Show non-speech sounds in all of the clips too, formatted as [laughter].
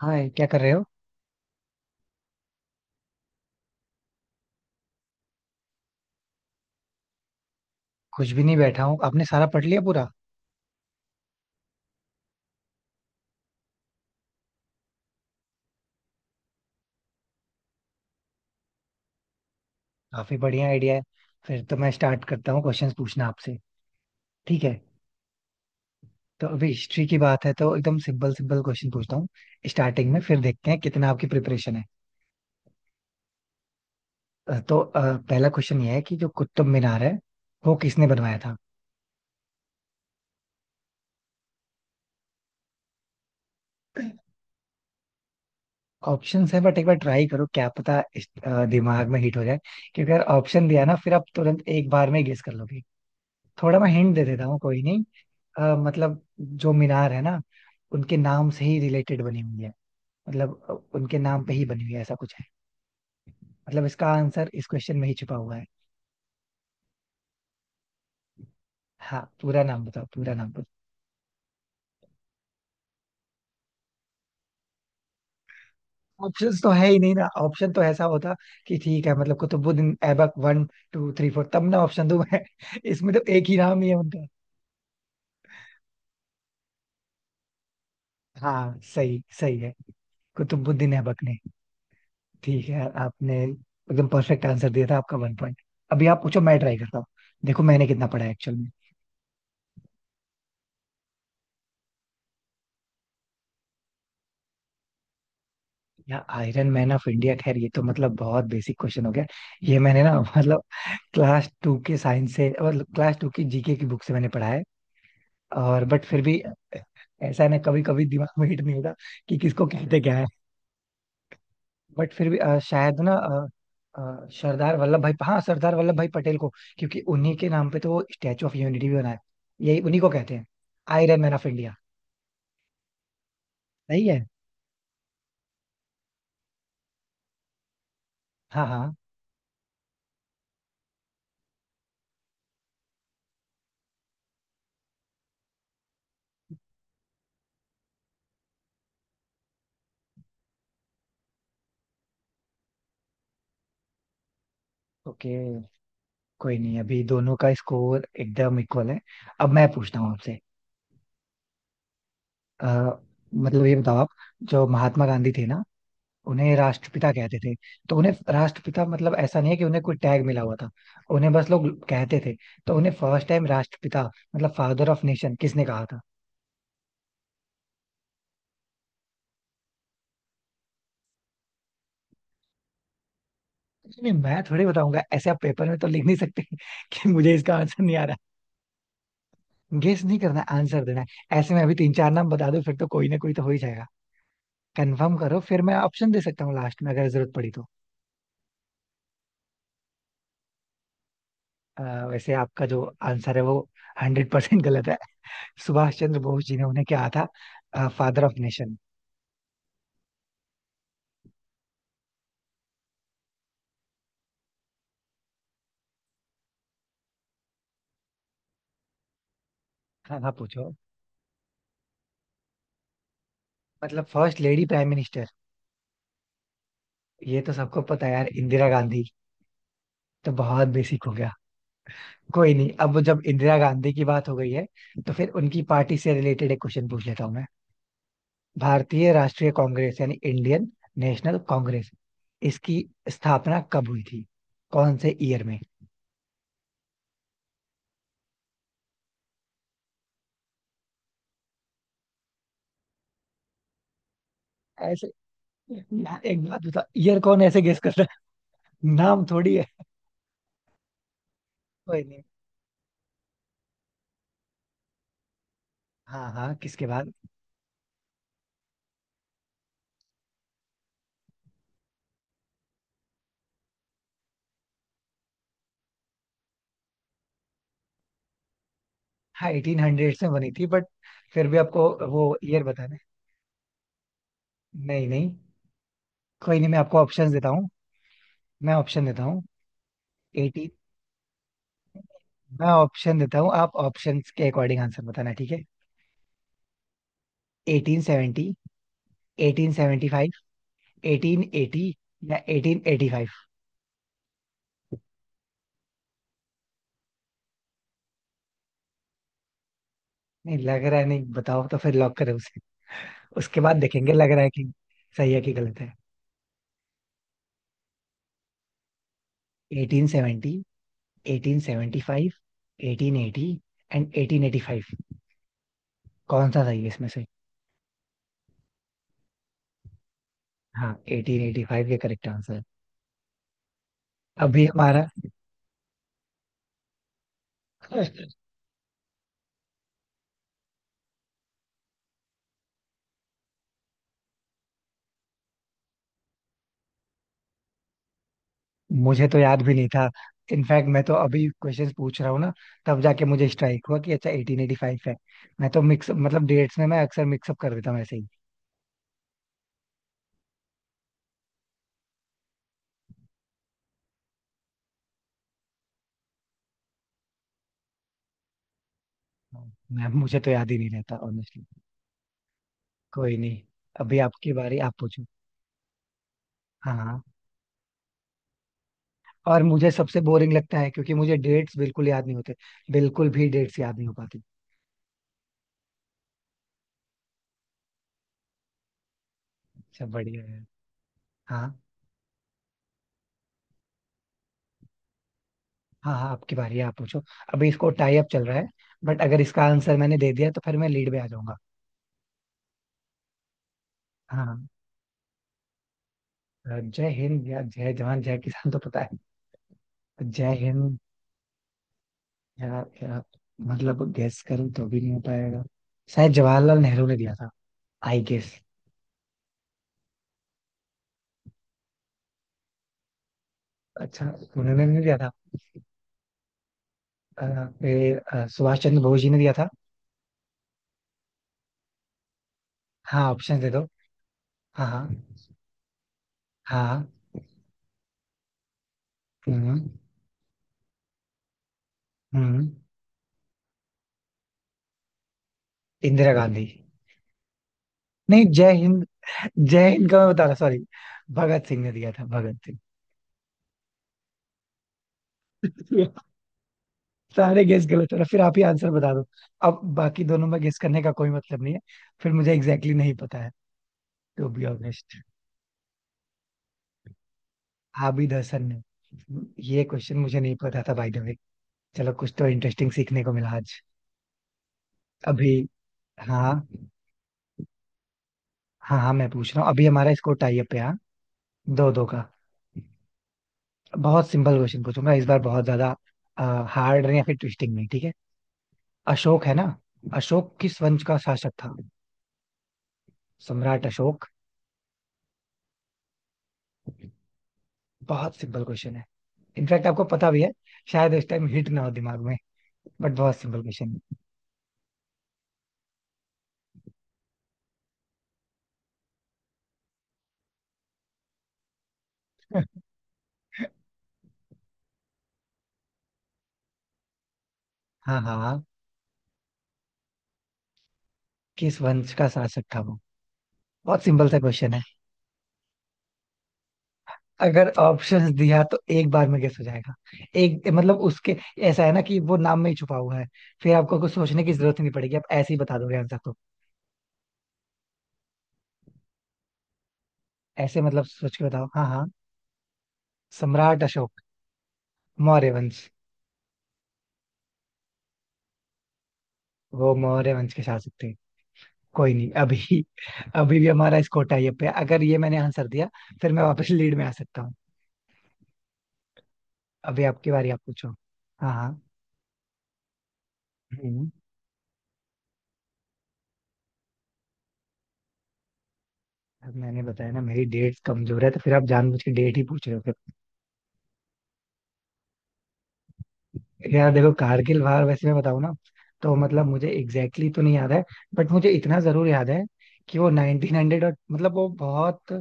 हाय क्या कर रहे हो। कुछ भी नहीं, बैठा हूँ। आपने सारा पढ़ लिया पूरा? काफी बढ़िया आइडिया है। फिर तो मैं स्टार्ट करता हूँ क्वेश्चंस पूछना आपसे। ठीक है, तो अभी हिस्ट्री की बात है तो एकदम सिंपल सिंपल क्वेश्चन पूछता हूँ स्टार्टिंग में, फिर देखते हैं कितना आपकी प्रिपरेशन है। तो पहला क्वेश्चन ये है कि जो कुतुब मीनार है वो किसने बनवाया था। ऑप्शंस है बट एक बार ट्राई करो, क्या पता दिमाग में हिट हो जाए। क्योंकि अगर ऑप्शन दिया ना फिर आप तुरंत एक बार में गेस कर लोगे। थोड़ा मैं हिंट दे देता हूँ, कोई नहीं। मतलब जो मीनार है ना, उनके नाम से ही रिलेटेड बनी हुई है। मतलब उनके नाम पे ही बनी हुई है, ऐसा कुछ है। मतलब इसका आंसर इस क्वेश्चन में ही छुपा हुआ है। हाँ पूरा नाम बताओ, पूरा नाम बताओ। ऑप्शंस तो है ही नहीं ना। ऑप्शन तो ऐसा होता कि ठीक है, मतलब Qutubuddin Aibak one two three four, तब ना ऑप्शन दूं मैं। [laughs] इसमें तो एक ही नाम ही है उनका। हाँ सही सही है, कुतुबुद्दीन ऐबक ने। ठीक है, आपने एकदम परफेक्ट आंसर दिया था। आपका वन पॉइंट। अभी आप पूछो, मैं ट्राई करता हूँ। देखो मैंने कितना पढ़ा है एक्चुअल में। या आयरन मैन ऑफ इंडिया, खैर ये तो मतलब बहुत बेसिक क्वेश्चन हो गया। ये मैंने ना मतलब क्लास टू के साइंस से, मतलब क्लास टू की जीके की बुक से मैंने पढ़ा है। और बट फिर भी ऐसा है ना, कभी कभी दिमाग में हिट नहीं होता कि किसको कहते क्या है। बट फिर भी अ, शायद ना अ, अ, सरदार वल्लभ भाई, हाँ सरदार वल्लभ भाई पटेल को। क्योंकि उन्हीं के नाम पे तो वो स्टैचू ऑफ यूनिटी भी बना है। यही उन्हीं को कहते हैं आयरन मैन ऑफ इंडिया। सही है। हाँ हाँ। ओके, कोई नहीं, अभी दोनों का स्कोर एकदम इक्वल है। अब मैं पूछता हूँ आपसे। आ, मतलब ये बताओ आप, जो महात्मा गांधी थे ना, उन्हें राष्ट्रपिता कहते थे। तो उन्हें राष्ट्रपिता मतलब ऐसा नहीं है कि उन्हें कोई टैग मिला हुआ था, उन्हें बस लोग कहते थे। तो उन्हें फर्स्ट टाइम राष्ट्रपिता मतलब फादर ऑफ नेशन किसने कहा था? नहीं मैं थोड़ी बताऊंगा, ऐसे आप पेपर में तो लिख नहीं सकते [laughs] कि मुझे इसका आंसर नहीं आ रहा। गेस नहीं करना, आंसर देना है। ऐसे में अभी तीन चार नाम बता दो, फिर तो कोई ना कोई तो हो ही जाएगा। कंफर्म करो, फिर मैं ऑप्शन दे सकता हूँ लास्ट में, अगर जरूरत पड़ी तो। अ, वैसे आपका जो आंसर है वो हंड्रेड परसेंट गलत है। सुभाष चंद्र बोस जी ने उन्हें क्या कहा था? Father of nation. हाँ हाँ पूछो। मतलब फर्स्ट लेडी प्राइम मिनिस्टर? ये तो सबको पता है यार, इंदिरा गांधी। तो बहुत बेसिक हो गया। कोई नहीं, अब जब इंदिरा गांधी की बात हो गई है तो फिर उनकी पार्टी से रिलेटेड एक क्वेश्चन पूछ लेता हूँ मैं। भारतीय राष्ट्रीय कांग्रेस यानी इंडियन नेशनल कांग्रेस, इसकी स्थापना कब हुई थी, कौन से ईयर में? ऐसे यार एक बात बताओ, ईयर कौन ऐसे गेस करता है, नाम थोड़ी है। कोई नहीं। हाँ हाँ किसके बाद? हाँ एटीन हंड्रेड में बनी थी बट फिर भी आपको वो ईयर बताना है। नहीं नहीं, कोई नहीं, मैं आपको ऑप्शन देता हूँ। मैं ऑप्शन देता हूँ एटीन। मैं ऑप्शन देता हूँ, आप ऑप्शन के अकॉर्डिंग आंसर बताना ठीक है। Eighteen seventy, eighteen seventy five, eighteen eighty या एटीन एटी फाइव। नहीं लग रहा है, नहीं बताओ, तो फिर लॉक करें उसे, उसके बाद देखेंगे लग रहा है कि सही है कि गलत है। Eighteen seventy, eighteen seventy five, eighteen eighty and eighteen eighty five, कौन सा सही है इसमें से? हाँ एटीन एटी फाइव, ये करेक्ट आंसर है। अभी हमारा [laughs] मुझे तो याद भी नहीं था। इनफैक्ट मैं तो अभी क्वेश्चंस पूछ रहा हूँ ना, तब जाके मुझे स्ट्राइक हुआ कि अच्छा 1885 है। मैं तो मिक्स मतलब डेट्स में मैं अक्सर मिक्सअप कर देता हूँ ऐसे ही। मैं मुझे तो याद ही नहीं रहता ऑनेस्टली। कोई नहीं, अभी आपकी बारी, आप पूछो। हाँ हाँ। और मुझे सबसे बोरिंग लगता है क्योंकि मुझे डेट्स बिल्कुल याद नहीं होते, बिल्कुल भी डेट्स याद नहीं हो पाती। सब बढ़िया है। हाँ। हाँ हाँ आपकी बारी है, आप पूछो। अभी इसको टाई अप चल रहा है, बट अगर इसका आंसर मैंने दे दिया तो फिर मैं लीड में आ जाऊंगा। हाँ, जय हिंद या जय जवान जय किसान तो पता है, जय हिंद। या, या मतलब गैस करूं तो भी नहीं हो पाएगा। शायद जवाहरलाल नेहरू ने दिया था, आई गेस। अच्छा, उन्होंने नहीं दिया था। अ, फिर सुभाष चंद्र बोस जी ने दिया था। हाँ ऑप्शन दे दो। हाँ हाँ। हाँ हाँ, हम्म, हम्म। इंदिरा गांधी। नहीं जय हिंद, जय हिंद का मैं बता रहा, सॉरी। भगत सिंह ने दिया था, भगत सिंह। सारे गेस गलत हो रहा, फिर आप ही आंसर बता दो, अब बाकी दोनों में गेस करने का कोई मतलब नहीं है। फिर मुझे एग्जैक्टली exactly नहीं पता है, to be honest. Abid Hasan ने। ये क्वेश्चन मुझे नहीं पता था बाय द वे। चलो कुछ तो इंटरेस्टिंग सीखने को मिला आज। अभी हाँ। हाँ हाँ मैं पूछ रहा हूँ, अभी हमारा स्कोर टाई अप है, हाँ दो दो का। बहुत सिंपल क्वेश्चन पूछूंगा इस बार, बहुत ज्यादा हार्ड या फिर ट्विस्टिंग नहीं, ठीक है। अशोक है ना, अशोक किस वंश का शासक था, सम्राट अशोक। बहुत सिंपल क्वेश्चन है, इनफैक्ट आपको पता भी है, शायद उस टाइम हिट ना हो दिमाग में, बट बहुत सिंपल क्वेश्चन है। हाँ हाँ किस वंश का शासक था वो, बहुत सिंपल सा क्वेश्चन है। अगर ऑप्शंस दिया तो एक बार में गेस हो जाएगा। एक मतलब उसके, ऐसा है ना कि वो नाम में ही छुपा हुआ है, फिर आपको कुछ सोचने की जरूरत ही नहीं पड़ेगी, आप ऐसे ही बता दोगे आंसर तो। ऐसे मतलब सोच के बताओ, हाँ हाँ। सम्राट अशोक मौर्य वंश, वो मौर्य वंश के शासक थे। कोई नहीं, अभी अभी भी हमारा स्कोर टाई अप है, अगर ये मैंने आंसर दिया फिर मैं वापस लीड में आ सकता हूँ। अभी आपकी बारी, आप पूछो। हाँ हाँ। हम्म। अब मैंने बताया ना मेरी डेट कमजोर है, तो फिर आप जानबूझ के डेट ही पूछ रहे हो फिर। यार देखो कारगिल वार, वैसे मैं बताऊं ना तो मतलब मुझे एग्जैक्टली exactly तो नहीं याद है, बट मुझे इतना जरूर याद है कि वो 1900 और मतलब वो बहुत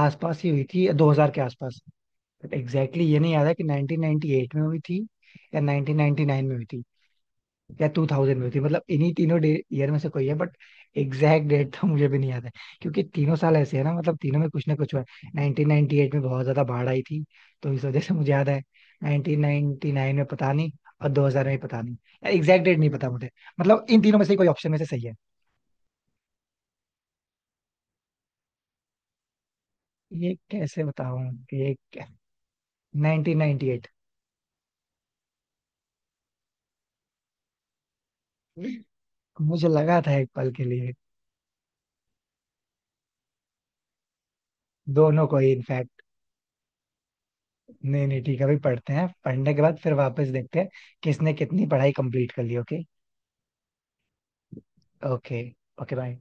आसपास ही हुई थी, 2000 के आसपास। बट एग्जैक्टली exactly ये नहीं याद है कि 1998 में हुई थी या 1999 में हुई थी या टू थाउजेंड में थी, मतलब इन्हीं तीनों ईयर में से कोई है, बट एग्जैक्ट डेट तो मुझे भी नहीं याद है। क्योंकि तीनों साल ऐसे है ना, मतलब तीनों में कुछ ना कुछ हुआ है। 1998 में बहुत ज्यादा बाढ़ आई थी, तो इस वजह से मुझे याद है। 1999 में पता नहीं, और 2000 में पता नहीं, एग्जैक्ट डेट नहीं पता मुझे, मतलब इन तीनों में से कोई ऑप्शन में से सही है। ये कैसे बताऊं, ये नाइनटीन नाइनटी एट। मुझे लगा था एक पल के लिए। दोनों को ही इनफैक्ट। नहीं नहीं ठीक है, अभी पढ़ते हैं, पढ़ने के बाद फिर वापस देखते हैं किसने कितनी पढ़ाई कंप्लीट कर ली, ओके। ओके। Okay bye.